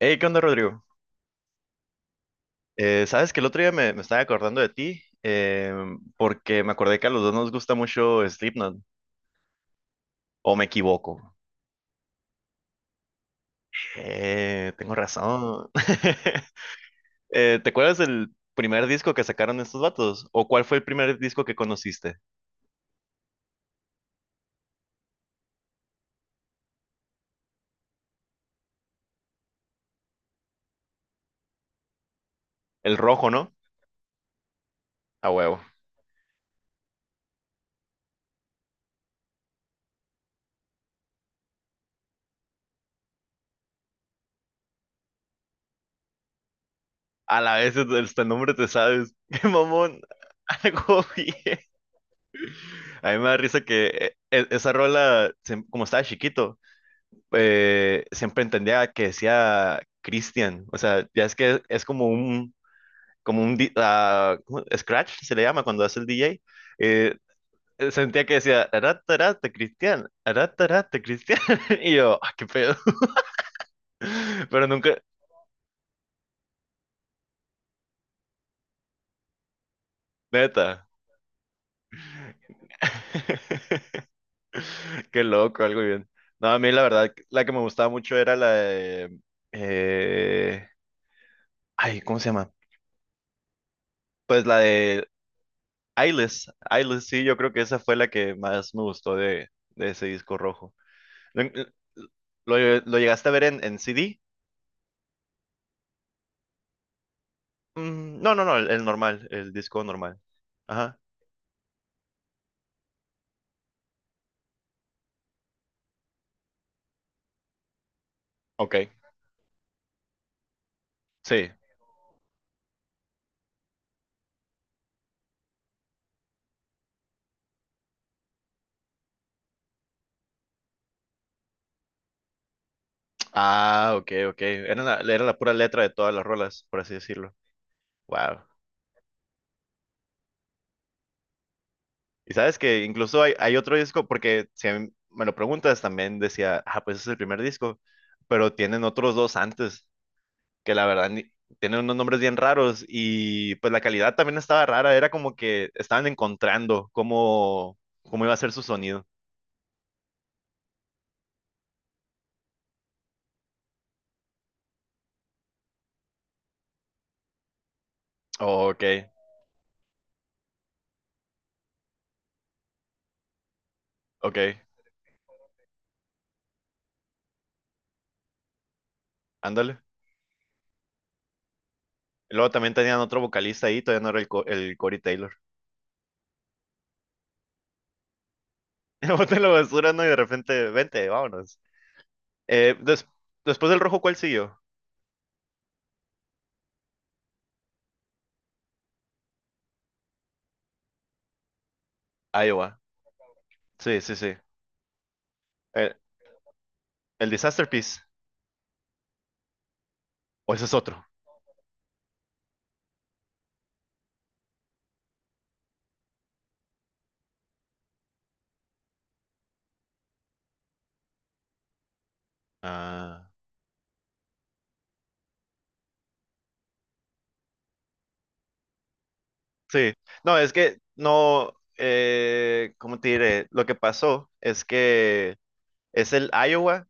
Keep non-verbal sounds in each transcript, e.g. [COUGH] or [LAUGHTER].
Hey, ¿qué onda, Rodrigo? Sabes que el otro día me estaba acordando de ti, porque me acordé que a los dos nos gusta mucho Slipknot, o me equivoco. Tengo razón. [LAUGHS] ¿Te acuerdas del primer disco que sacaron estos vatos? ¿O cuál fue el primer disco que conociste? El rojo, ¿no? A huevo. A la vez hasta el nombre te sabes. [LAUGHS] ¡Qué mamón! [LAUGHS] Algo bien. A mí me da risa que esa rola, como estaba chiquito, siempre entendía que decía Christian. O sea, ya es que es como un ¿cómo? Scratch, se le llama cuando hace el DJ. Eh, sentía que decía, arata, arata, Cristian, arata, arata, Cristian. [LAUGHS] Y yo, ah, qué pedo. [LAUGHS] Pero nunca, neta. [LAUGHS] Qué loco, algo bien. No, a mí la verdad, la que me gustaba mucho era la de... eh, ay, ¿cómo se llama? Pues la de Eyeless, sí, yo creo que esa fue la que más me gustó de ese disco rojo. ¿Lo, ¿Lo llegaste a ver en CD? Mm, no, no, no, el normal, el disco normal. Ajá, ok, sí. Ah, ok, ok. Era era la pura letra de todas las rolas, por así decirlo. Wow. Y sabes que incluso hay otro disco, porque si a mí me lo preguntas, también decía, ah, pues es el primer disco, pero tienen otros dos antes. Que la verdad tienen unos nombres bien raros y pues la calidad también estaba rara, era como que estaban encontrando cómo, cómo iba a ser su sonido. Oh, ok, ok, ándale. Y luego también tenían otro vocalista ahí, todavía no era el Corey Taylor. [LAUGHS] Y boté la basura, ¿no? Y de repente, vente, vámonos. Eh, des- Después del rojo, ¿cuál siguió? Iowa. Sí, sí, sí. Eh, el Disaster Piece. O ese es otro. Ah. Sí, no, es que no, ¿cómo te diré? Lo que pasó es que es el Iowa,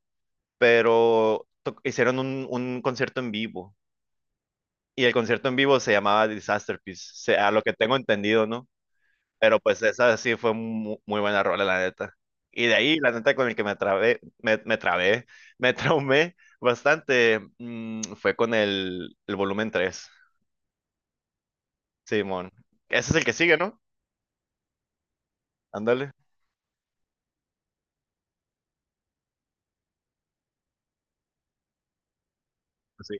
pero hicieron un concierto en vivo y el concierto en vivo se llamaba Disaster Piece, a lo que tengo entendido, ¿no? Pero pues esa sí fue muy buena rola, la neta. Y de ahí, la neta, con el que me trabé, [LAUGHS] me traumé bastante, fue con el volumen 3, Simón. Ese es el que sigue, ¿no? Ándale. Pues sí.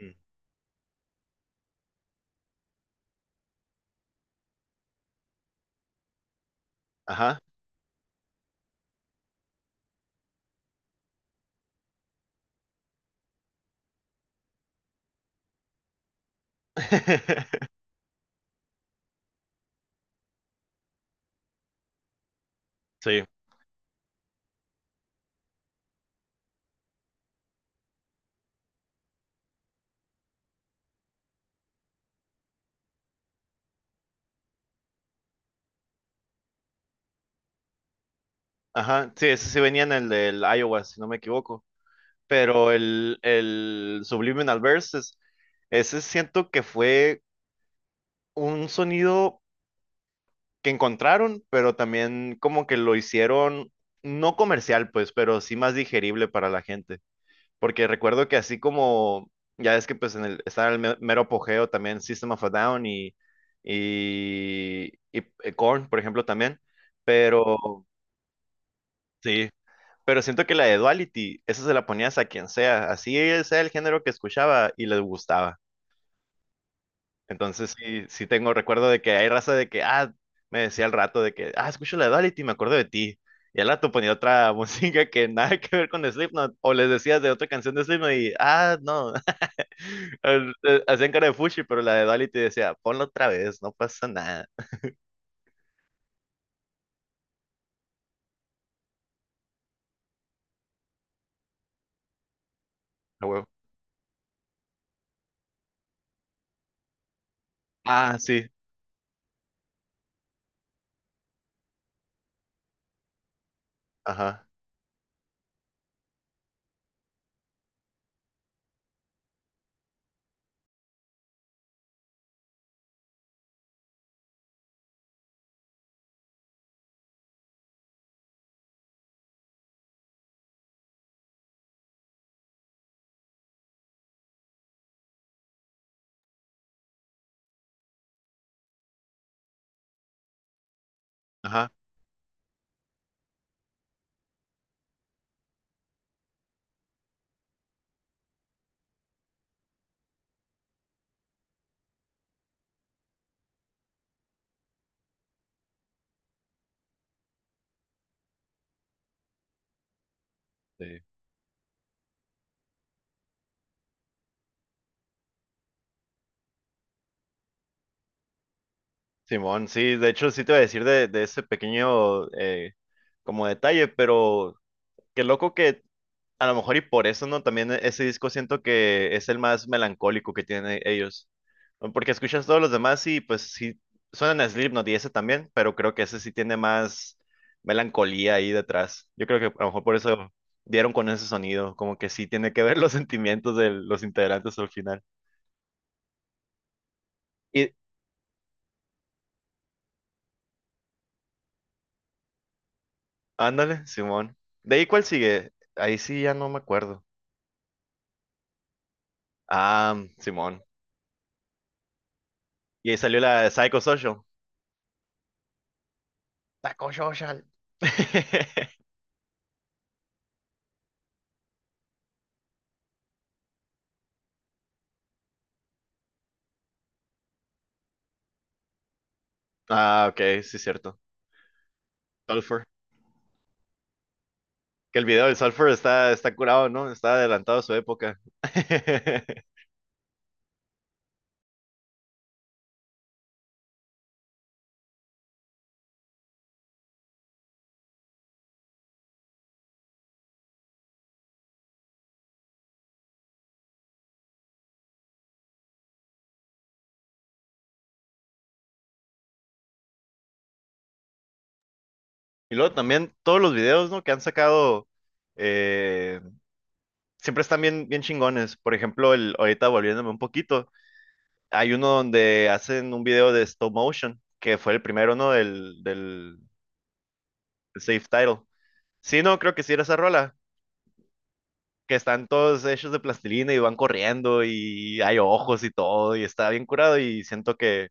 Mm. Ajá. [LAUGHS] Sí, ajá, sí, ese sí venía en el del Iowa, si no me equivoco. Pero el Subliminal Verses, ese siento que fue un sonido que encontraron, pero también como que lo hicieron no comercial, pues, pero sí más digerible para la gente. Porque recuerdo que así como, ya es que pues en el, estaba el mero apogeo también System of a Down y, Korn, por ejemplo, también. Pero sí. Pero siento que la de Duality, esa se la ponías a quien sea, así sea el género que escuchaba y les gustaba. Entonces sí, sí tengo recuerdo de que hay raza de que, ah, me decía al rato de que, ah, escucho la de Duality, me acuerdo de ti. Y al rato ponía otra [LAUGHS] música que nada que ver con Slipknot, o les decías de otra canción de Slipknot y, ah, no, [LAUGHS] hacían cara de fuchi, pero la de Duality decía, ponla otra vez, no pasa nada. [LAUGHS] A huevo. Ah, sí, ajá, ajá, sí. Simón, sí, de hecho sí te iba a decir de ese pequeño como detalle, pero qué loco que a lo mejor y por eso, ¿no? También ese disco siento que es el más melancólico que tienen ellos, ¿no? Porque escuchas todos los demás y pues sí, suenan a Slipknot y ese también, pero creo que ese sí tiene más melancolía ahí detrás. Yo creo que a lo mejor por eso dieron con ese sonido, como que sí tiene que ver [LAUGHS] los sentimientos de los integrantes al final. Y ándale, Simón. ¿De ahí cuál sigue? Ahí sí ya no me acuerdo. Ah, Simón. Y ahí salió la de Psychosocial. Taco Social. [LAUGHS] Ah, ok, sí, cierto. Sulfur. Que el video del Sulfur está, está curado, ¿no? Está adelantado a su época. [LAUGHS] Y luego también todos los videos, ¿no? Que han sacado. eh, Siempre están bien, bien chingones. Por ejemplo, el, ahorita volviéndome un poquito, hay uno donde hacen un video de stop motion, que fue el primero, ¿no? Del Safe Title. Sí, no, creo que sí era esa rola. Que están todos hechos de plastilina y van corriendo y hay ojos y todo y está bien curado y siento que,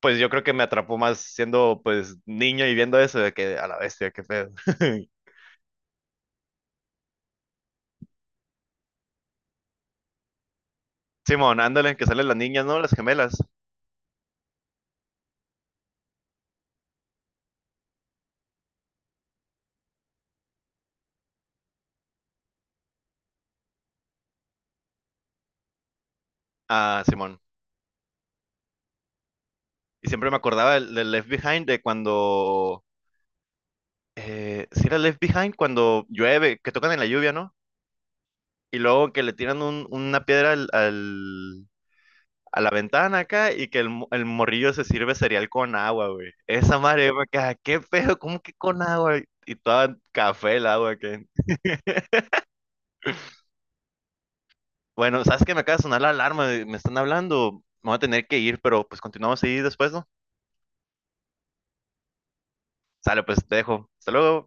pues yo creo que me atrapó más siendo pues niño y viendo eso de que a la bestia, qué pedo. [LAUGHS] Simón, ándale, que salen las niñas, ¿no? Las gemelas. Ah, Simón. Y siempre me acordaba del, del Left Behind de cuando, si era Left Behind cuando llueve, que tocan en la lluvia, ¿no? Y luego que le tiran una piedra al, a la ventana acá y que el morrillo se sirve cereal con agua, güey. Esa madre, yo me quedaba, ¿qué pedo? ¿Cómo que con agua? Y toda café el agua que... Bueno, sabes que me acaba de sonar la alarma, me están hablando, me voy a tener que ir, pero pues continuamos ahí después, ¿no? Sale, pues te dejo. Hasta luego.